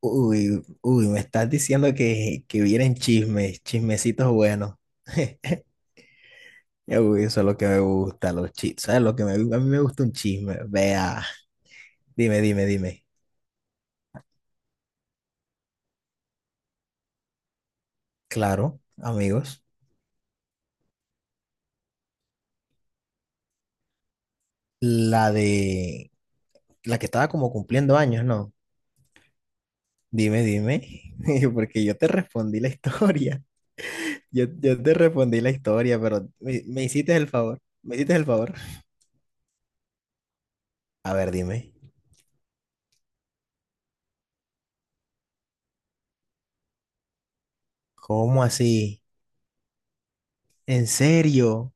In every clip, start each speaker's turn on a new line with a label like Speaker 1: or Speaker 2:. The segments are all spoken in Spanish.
Speaker 1: Uy, uy, me estás diciendo que vienen chismes, chismecitos buenos. Uy, eso es lo que me gusta, los chismes. ¿Sabes lo que a mí me gusta un chisme? Vea, dime. Claro, amigos, la de la que estaba como cumpliendo años, ¿no? Dime, porque yo te respondí la historia. Yo te respondí la historia, pero me hiciste el favor, me hiciste el favor. A ver, dime, ¿cómo así? ¿En serio?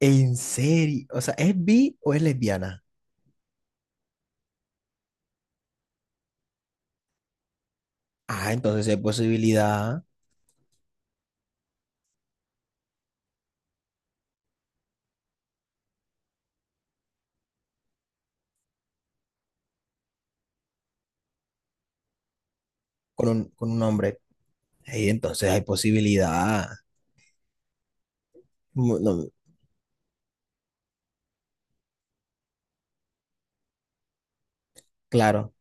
Speaker 1: En serio, o sea, ¿es bi o es lesbiana? Ah, entonces hay posibilidad con con un hombre. Ey, entonces hay posibilidad. No, claro.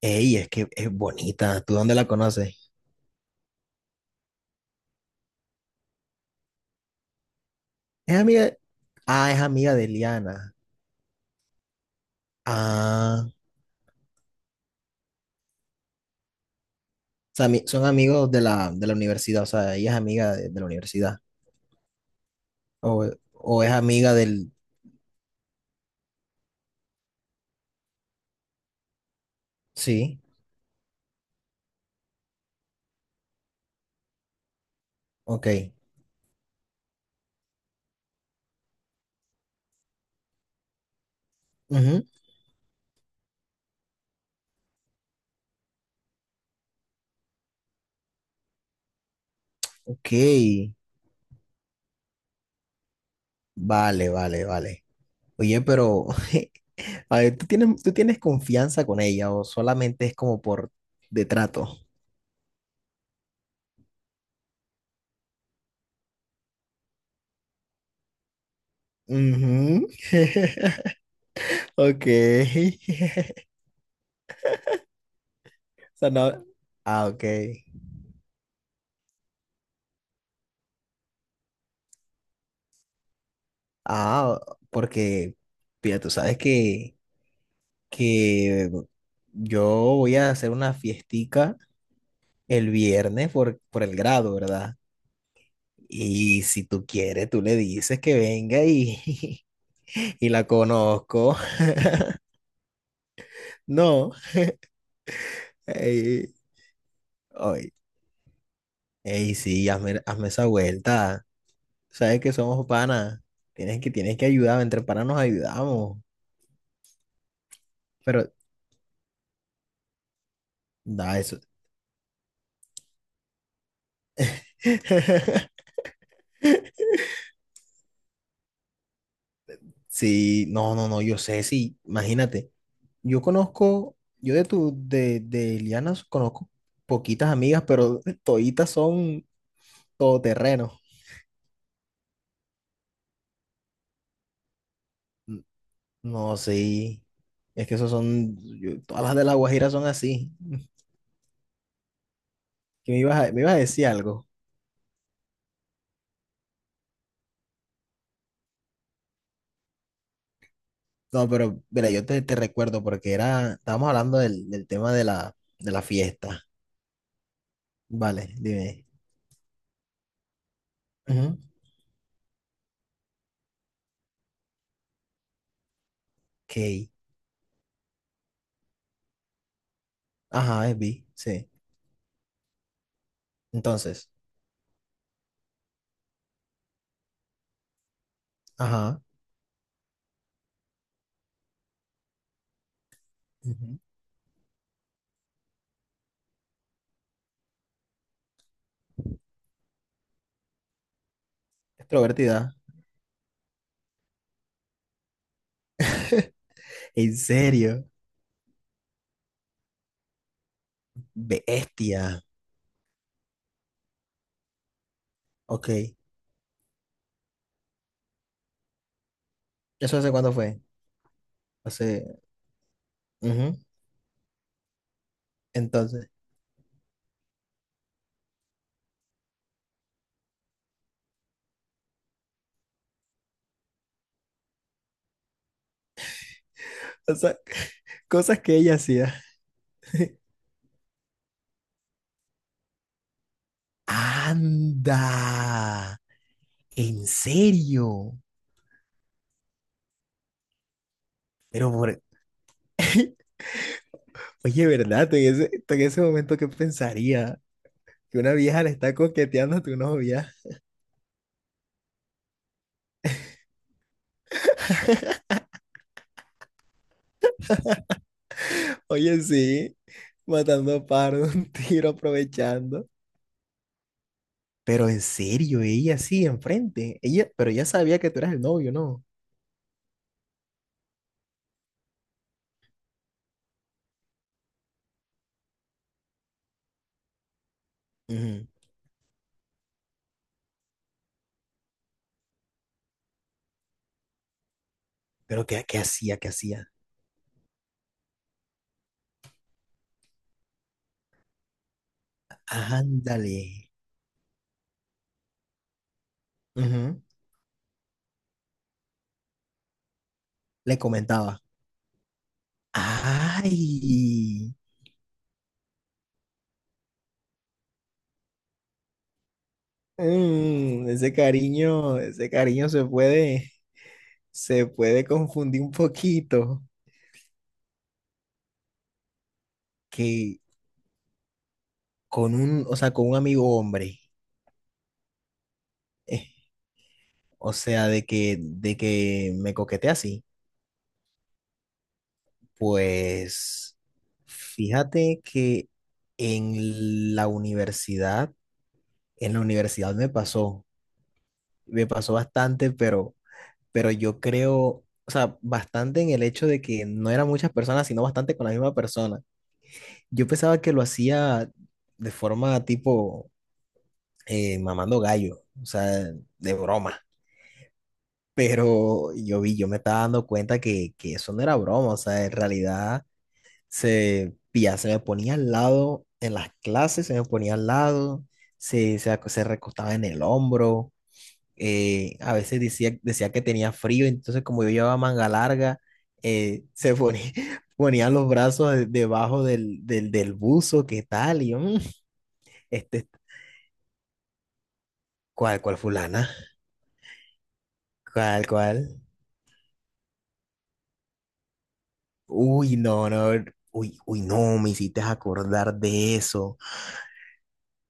Speaker 1: Ey, es que es bonita. ¿Tú dónde la conoces? Es amiga. Ah, es amiga de Liana. Ah, o sea, son amigos de la universidad. O sea, ella es amiga de la universidad. O, o es amiga del. Sí, ok. Ujú, ok. Vale, vale, vale. Oye, pero. A ver, tú tienes confianza con ella o solamente es como por de trato? Ujú. Ok. O sea, no- Ah, ok. Ah, porque, mira, tú sabes que yo voy a hacer una fiestica el viernes por el grado, ¿verdad? Y si tú quieres, tú le dices que venga y y la conozco. No. Ey, ay, ey, sí, hazme esa vuelta. Sabes que somos panas. Tienes que ayudar, entre panas nos ayudamos. Pero, da eso. Sí, no, no, no, yo sé, sí, imagínate. Yo conozco, yo de Liana conozco poquitas amigas, pero toditas son todoterreno. N- No, sí. Es que esos son, todas las de La Guajira son así. Que me ibas a decir algo. No, pero mira, te recuerdo porque era, estábamos hablando del tema de la fiesta. Vale, dime. Ujú. K. Ajá, es B. Sí. Entonces, ajá. Ujú. Extrovertida. ¿En serio? Bestia. Ok. ¿Eso hace cuándo fue? Hace. Ujú. Entonces, o sea, cosas que ella hacía. Anda. ¿En serio? Pero por. Oye, ¿verdad? Tú en ese momento, ¿qué pensaría? Que una vieja le está coqueteando a tu novia. Oye, sí, matando pájaros de un tiro, aprovechando. Pero en serio, ella sí, enfrente. Ella, pero ella sabía que tú eras el novio, ¿no? Ujú. Pero ¿qué, qué hacía? ¿Qué hacía? Ándale. Ujú. Le comentaba. ¡Ay! Mm, ese cariño se puede confundir un poquito que con con un amigo hombre. Eh, o sea, de que me coquetea así. Pues fíjate que en la universidad, en la universidad me pasó bastante, pero yo creo, o sea, bastante en el hecho de que no eran muchas personas, sino bastante con la misma persona. Yo pensaba que lo hacía de forma tipo mamando gallo, o sea, de broma. Pero yo vi, yo me estaba dando cuenta que eso no era broma, o sea, en realidad se, pilla, se me ponía al lado en las clases, se me ponía al lado, se recostaba en el hombro, a veces decía que tenía frío, entonces como yo llevaba manga larga, se ponía, ponía los brazos debajo del buzo, ¿qué tal? Y yo, "Mm, este, ¿cuál, cuál fulana? ¿Cuál, cuál? Uy, no, no, uy, uy, no, me hiciste acordar de eso.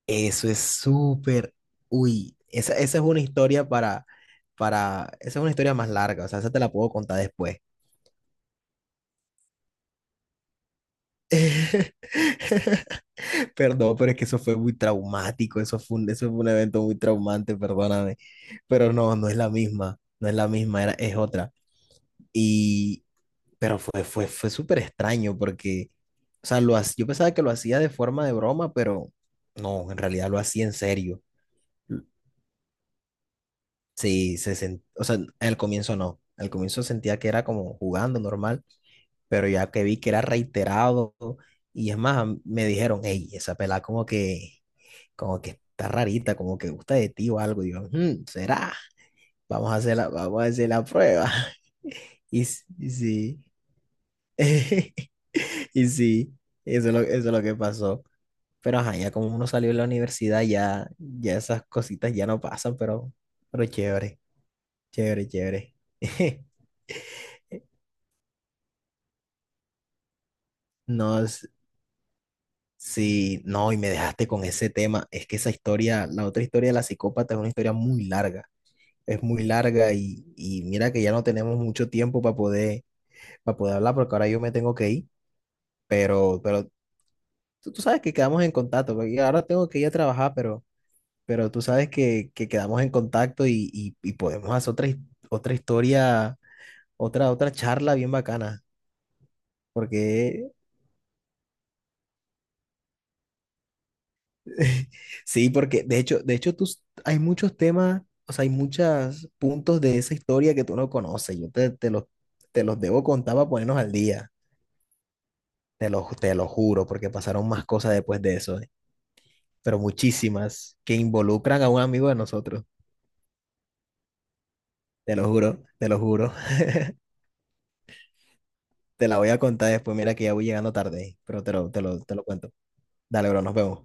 Speaker 1: Eso es súper, uy, esa es una historia para, esa es una historia más larga, o sea, esa te la puedo contar después. Perdón, pero es que eso fue muy traumático, eso fue un evento muy traumante, perdóname, pero no, no es la misma, no es la misma, era, es otra. Y, pero fue, fue, fue súper extraño porque, o sea, yo pensaba que lo hacía de forma de broma, pero no, en realidad lo hacía en serio. Sí, o sea, al comienzo no. Al comienzo sentía que era como jugando normal, pero ya que vi que era reiterado, y es más, me dijeron, hey, esa pelada como que está rarita, como que gusta de ti o algo. Y yo, "Mm, ¿será? Vamos a hacer la, vamos a hacer la prueba. Y, y sí, y sí, eso es lo que pasó. Pero ajá, ya como uno salió de la universidad, ya, ya esas cositas ya no pasan, pero chévere, chévere, chévere. No, es- sí, no, y me dejaste con ese tema. Es que esa historia, la otra historia de la psicópata es una historia muy larga. Es muy larga y mira que ya no tenemos mucho tiempo para poder hablar porque ahora yo me tengo que ir, pero, tú sabes que quedamos en contacto. Porque ahora tengo que ir a trabajar, pero tú sabes que quedamos en contacto y podemos hacer otra historia, otra, otra charla bien bacana, porque sí, porque de hecho, hay muchos temas, o sea, hay muchos puntos de esa historia que tú no conoces. Yo te, te los debo contar para ponernos al día. Te lo juro, porque pasaron más cosas después de eso, ¿eh? Pero muchísimas que involucran a un amigo de nosotros. Te lo juro, te lo juro. Te la voy a contar después. Mira que ya voy llegando tarde, ¿eh? Pero te lo cuento. Dale, bro, nos vemos.